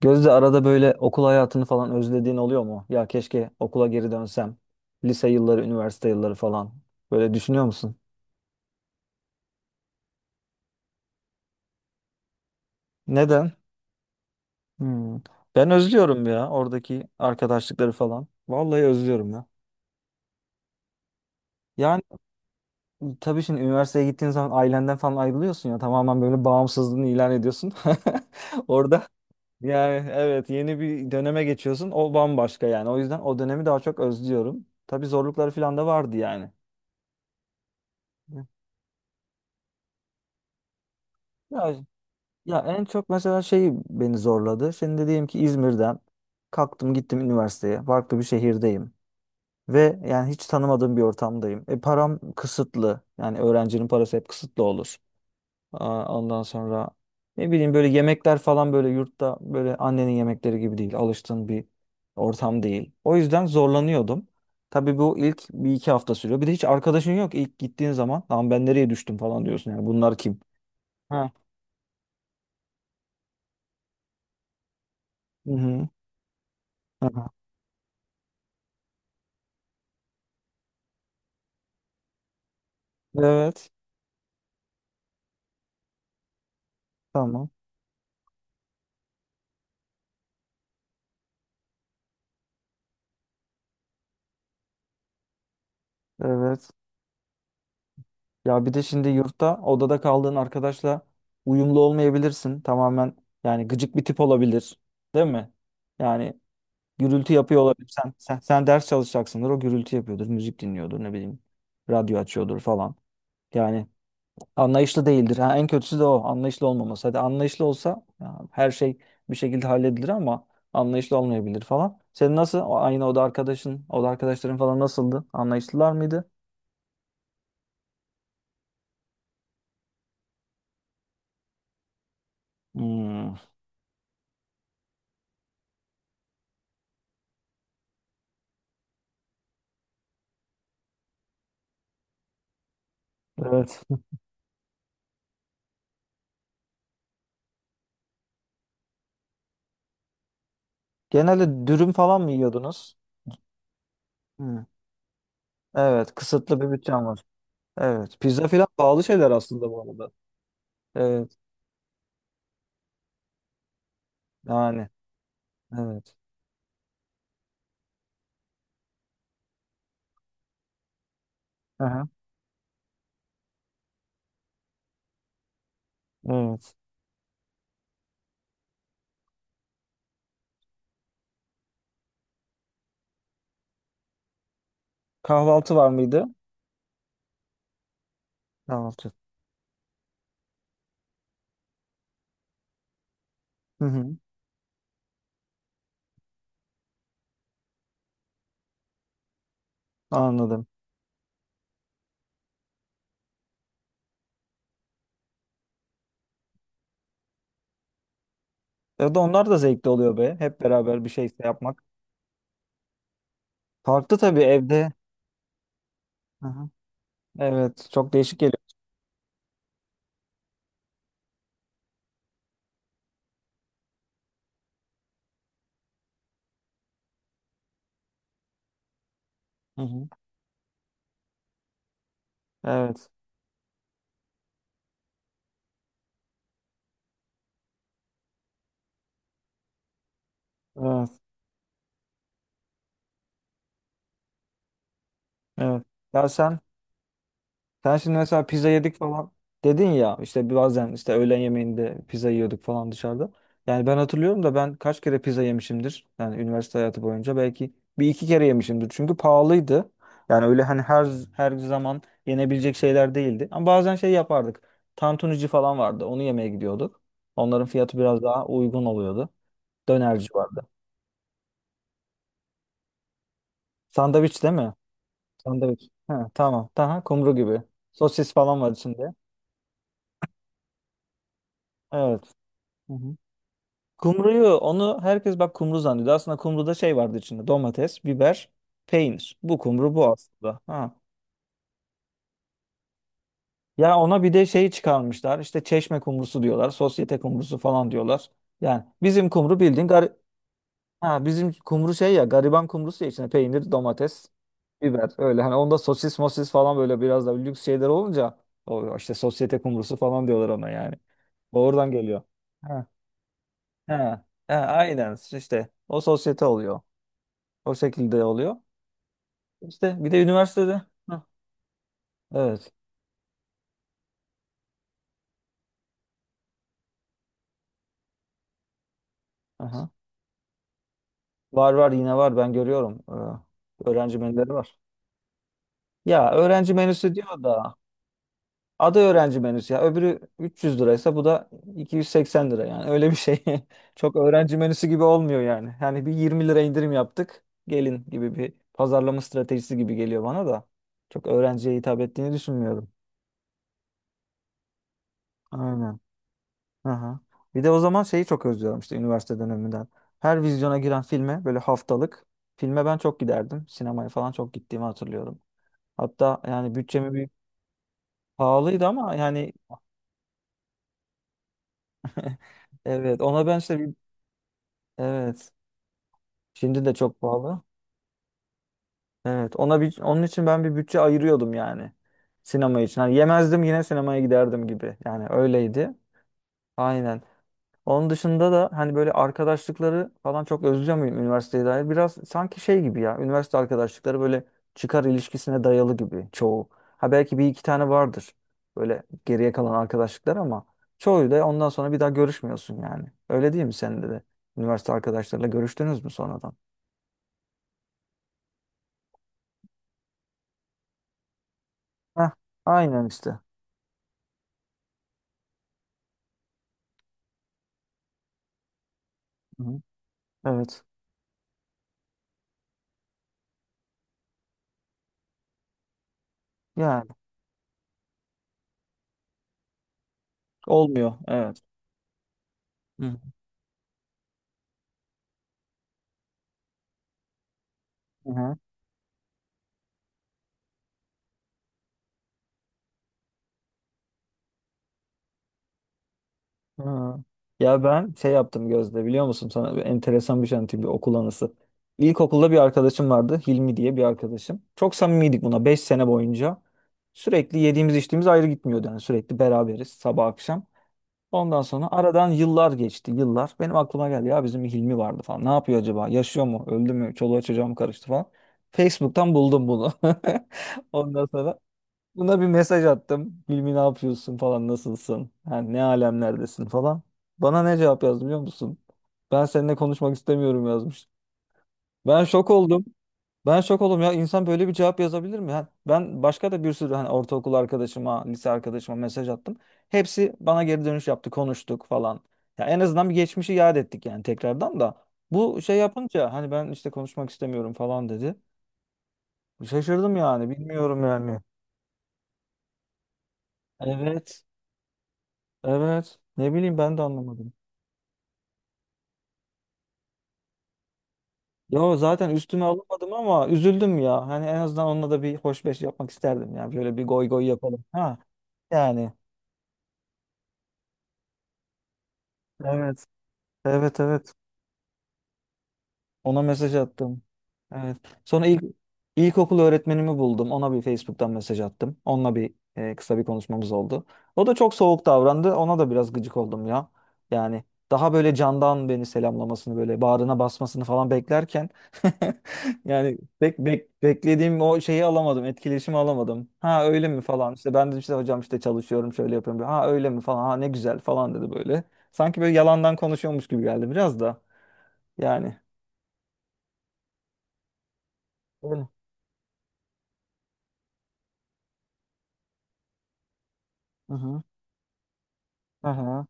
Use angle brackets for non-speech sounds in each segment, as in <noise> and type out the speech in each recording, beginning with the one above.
Gözde arada böyle okul hayatını falan özlediğin oluyor mu? Ya keşke okula geri dönsem. Lise yılları, üniversite yılları falan. Böyle düşünüyor musun? Neden? Hmm. Ben özlüyorum ya oradaki arkadaşlıkları falan. Vallahi özlüyorum ya. Yani tabii şimdi üniversiteye gittiğin zaman ailenden falan ayrılıyorsun ya. Tamamen böyle bağımsızlığını ilan ediyorsun. <laughs> Orada yani evet yeni bir döneme geçiyorsun. O bambaşka yani. O yüzden o dönemi daha çok özlüyorum. Tabii zorlukları falan da vardı yani. Ya Ya, en çok mesela şey beni zorladı. Şimdi diyelim ki İzmir'den kalktım gittim üniversiteye. Farklı bir şehirdeyim. Ve yani hiç tanımadığım bir ortamdayım. E param kısıtlı. Yani öğrencinin parası hep kısıtlı olur. Aa, ondan sonra ne bileyim böyle yemekler falan böyle yurtta böyle annenin yemekleri gibi değil. Alıştığın bir ortam değil. O yüzden zorlanıyordum. Tabii bu ilk bir iki hafta sürüyor. Bir de hiç arkadaşın yok ilk gittiğin zaman. Lan ben nereye düştüm falan diyorsun. Yani bunlar kim? Ha. Hı hı. Aha. Evet. Tamam. Evet. Ya bir de şimdi yurtta odada kaldığın arkadaşla uyumlu olmayabilirsin. Tamamen yani gıcık bir tip olabilir. Değil mi? Yani gürültü yapıyor olabilir. Sen ders çalışacaksındır. O gürültü yapıyordur. Müzik dinliyordur. Ne bileyim. Radyo açıyordur falan. Yani anlayışlı değildir. Ha, en kötüsü de o. Anlayışlı olmaması. Hadi anlayışlı olsa ya, her şey bir şekilde halledilir ama anlayışlı olmayabilir falan. Senin nasıl? O aynı oda arkadaşın, oda arkadaşların falan nasıldı? Anlayışlılar mıydı? Hmm, evet. Genelde dürüm falan mı yiyordunuz? Hı. Evet, kısıtlı bir bütçem var. Evet, pizza falan pahalı şeyler aslında bu arada. Evet, yani evet. Aha, evet. Kahvaltı var mıydı? Kahvaltı. Hı hı, anladım. Evet, onlar da zevkli oluyor be. Hep beraber bir şey yapmak. Farklı tabii evde. Hı hı. Evet, çok değişik geliyor. Hı hı. Evet, evet, evet. Ya sen, şimdi mesela pizza yedik falan dedin ya işte bazen işte öğlen yemeğinde pizza yiyorduk falan dışarıda. Yani ben hatırlıyorum da ben kaç kere pizza yemişimdir. Yani üniversite hayatı boyunca belki bir iki kere yemişimdir. Çünkü pahalıydı. Yani öyle hani her zaman yenebilecek şeyler değildi. Ama bazen şey yapardık. Tantunici falan vardı. Onu yemeye gidiyorduk. Onların fiyatı biraz daha uygun oluyordu. Dönerci vardı. Sandviç değil mi? Sandviç. Ha, tamam. Tamam. Kumru gibi. Sosis falan var içinde. Evet. Hı hı. Kumruyu onu herkes bak kumru zannediyor. Aslında kumruda şey vardı içinde domates, biber, peynir. Bu kumru bu aslında. Ha. Ya ona bir de şey çıkarmışlar. İşte çeşme kumrusu diyorlar. Sosyete kumrusu falan diyorlar. Yani bizim kumru bildiğin gari-, ha, bizim kumru şey ya gariban kumrusu ya içinde peynir, domates, biber öyle. Hani onda sosis mosis falan böyle biraz da lüks şeyler olunca o işte sosyete kumrusu falan diyorlar ona yani. Oradan geliyor. Ha. Ha. Ha, aynen işte o sosyete oluyor. O şekilde oluyor. İşte bir de üniversitede. Hı. Evet. Aha. Var var yine var ben görüyorum. Öğrenci menüleri var. Ya öğrenci menüsü diyor da adı öğrenci menüsü ya öbürü 300 liraysa bu da 280 lira yani öyle bir şey. <laughs> Çok öğrenci menüsü gibi olmuyor yani. Yani bir 20 lira indirim yaptık. Gelin gibi bir pazarlama stratejisi gibi geliyor bana da. Çok öğrenciye hitap ettiğini düşünmüyorum. Aynen. Aha. Bir de o zaman şeyi çok özlüyorum işte üniversite döneminden. Her vizyona giren filme böyle haftalık filme ben çok giderdim. Sinemaya falan çok gittiğimi hatırlıyorum. Hatta yani bütçemi bir pahalıydı ama yani evet ona ben işte bir evet şimdi de çok pahalı. Evet ona bir onun için ben bir bütçe ayırıyordum yani sinema için. Hani yemezdim yine sinemaya giderdim gibi. Yani öyleydi. Aynen. Onun dışında da hani böyle arkadaşlıkları falan çok özlüyor muyum üniversiteye dair? Biraz sanki şey gibi ya. Üniversite arkadaşlıkları böyle çıkar ilişkisine dayalı gibi çoğu. Ha belki bir iki tane vardır. Böyle geriye kalan arkadaşlıklar ama çoğu da ondan sonra bir daha görüşmüyorsun yani. Öyle değil mi senin de de? Üniversite arkadaşlarıyla görüştünüz mü sonradan? Heh, aynen işte. Hı hı. Evet. Yani olmuyor. Evet. Hı hı. Ha. Ya ben şey yaptım Gözde biliyor musun sana bir enteresan bir şey anlatayım bir okul anısı. İlkokulda bir arkadaşım vardı Hilmi diye bir arkadaşım. Çok samimiydik buna 5 sene boyunca. Sürekli yediğimiz içtiğimiz ayrı gitmiyordu yani sürekli beraberiz sabah akşam. Ondan sonra aradan yıllar geçti yıllar. Benim aklıma geldi ya bizim Hilmi vardı falan. Ne yapıyor acaba? Yaşıyor mu? Öldü mü? Çoluğa çocuğa mı karıştı falan. Facebook'tan buldum bunu. <laughs> Ondan sonra buna bir mesaj attım. Hilmi ne yapıyorsun falan nasılsın? Yani ne alemlerdesin falan. Bana ne cevap yazdı biliyor musun? Ben seninle konuşmak istemiyorum yazmış. Ben şok oldum. Ben şok oldum ya insan böyle bir cevap yazabilir mi? Yani ben başka da bir sürü hani ortaokul arkadaşıma, lise arkadaşıma mesaj attım. Hepsi bana geri dönüş yaptı, konuştuk falan. Ya en azından bir geçmişi yad ettik yani tekrardan da. Bu şey yapınca hani ben işte konuşmak istemiyorum falan dedi. Şaşırdım yani bilmiyorum yani. Evet. Evet. Ne bileyim ben de anlamadım. Ya zaten üstüme alamadım ama üzüldüm ya. Hani en azından onunla da bir hoşbeş yapmak isterdim. Yani şöyle bir goy goy yapalım. Ha yani. Evet. Evet, evet. Ona mesaj attım. Evet. Sonra ilk ilkokul öğretmenimi buldum. Ona bir Facebook'tan mesaj attım. Onunla bir kısa bir konuşmamız oldu. O da çok soğuk davrandı. Ona da biraz gıcık oldum ya. Yani daha böyle candan beni selamlamasını böyle bağrına basmasını falan beklerken <laughs> yani beklediğim o şeyi alamadım. Etkileşimi alamadım. Ha öyle mi falan. İşte ben de işte hocam işte çalışıyorum şöyle yapıyorum. Ha öyle mi falan. Ha ne güzel falan dedi böyle. Sanki böyle yalandan konuşuyormuş gibi geldi biraz da. Yani. Öyle. Aha.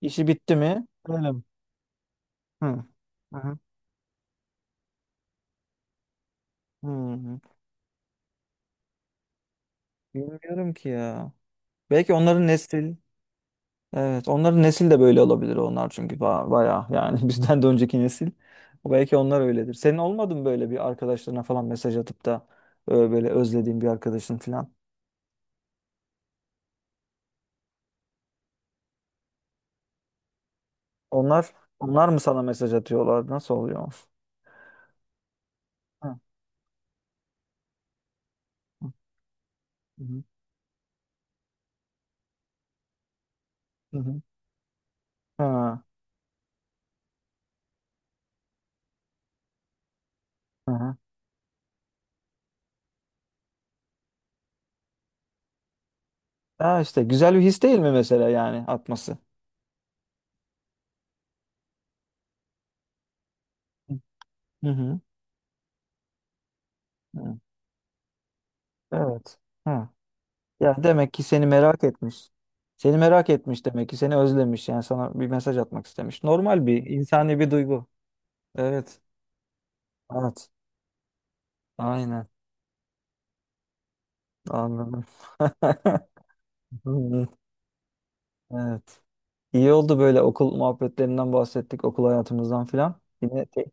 İşi bitti mi? Öyle mi? Hı. Aha. Hı. Bilmiyorum ki ya. Belki onların nesil. Evet, onların nesil de böyle olabilir onlar çünkü bayağı yani, <laughs> bizden de önceki nesil. Belki onlar öyledir. Senin olmadı mı böyle bir arkadaşlarına falan mesaj atıp da böyle özlediğin bir arkadaşın falan? Onlar onlar mı sana mesaj atıyorlar? Nasıl oluyor? Hı hı hı. Hı hı. Ha. Hı hı. Ha işte güzel bir his değil mi mesela yani atması? Hı hı. Hı. Evet. Ya demek ki seni merak etmiş. Seni merak etmiş demek ki seni özlemiş. Yani sana bir mesaj atmak istemiş. Normal bir insani bir duygu. Evet. Evet. Aynen. Anladım. <laughs> Hmm, evet. İyi oldu böyle okul muhabbetlerinden bahsettik, okul hayatımızdan filan. Yine te-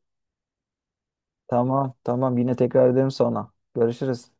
tamam, tamam. Yine tekrar edelim sonra. Görüşürüz.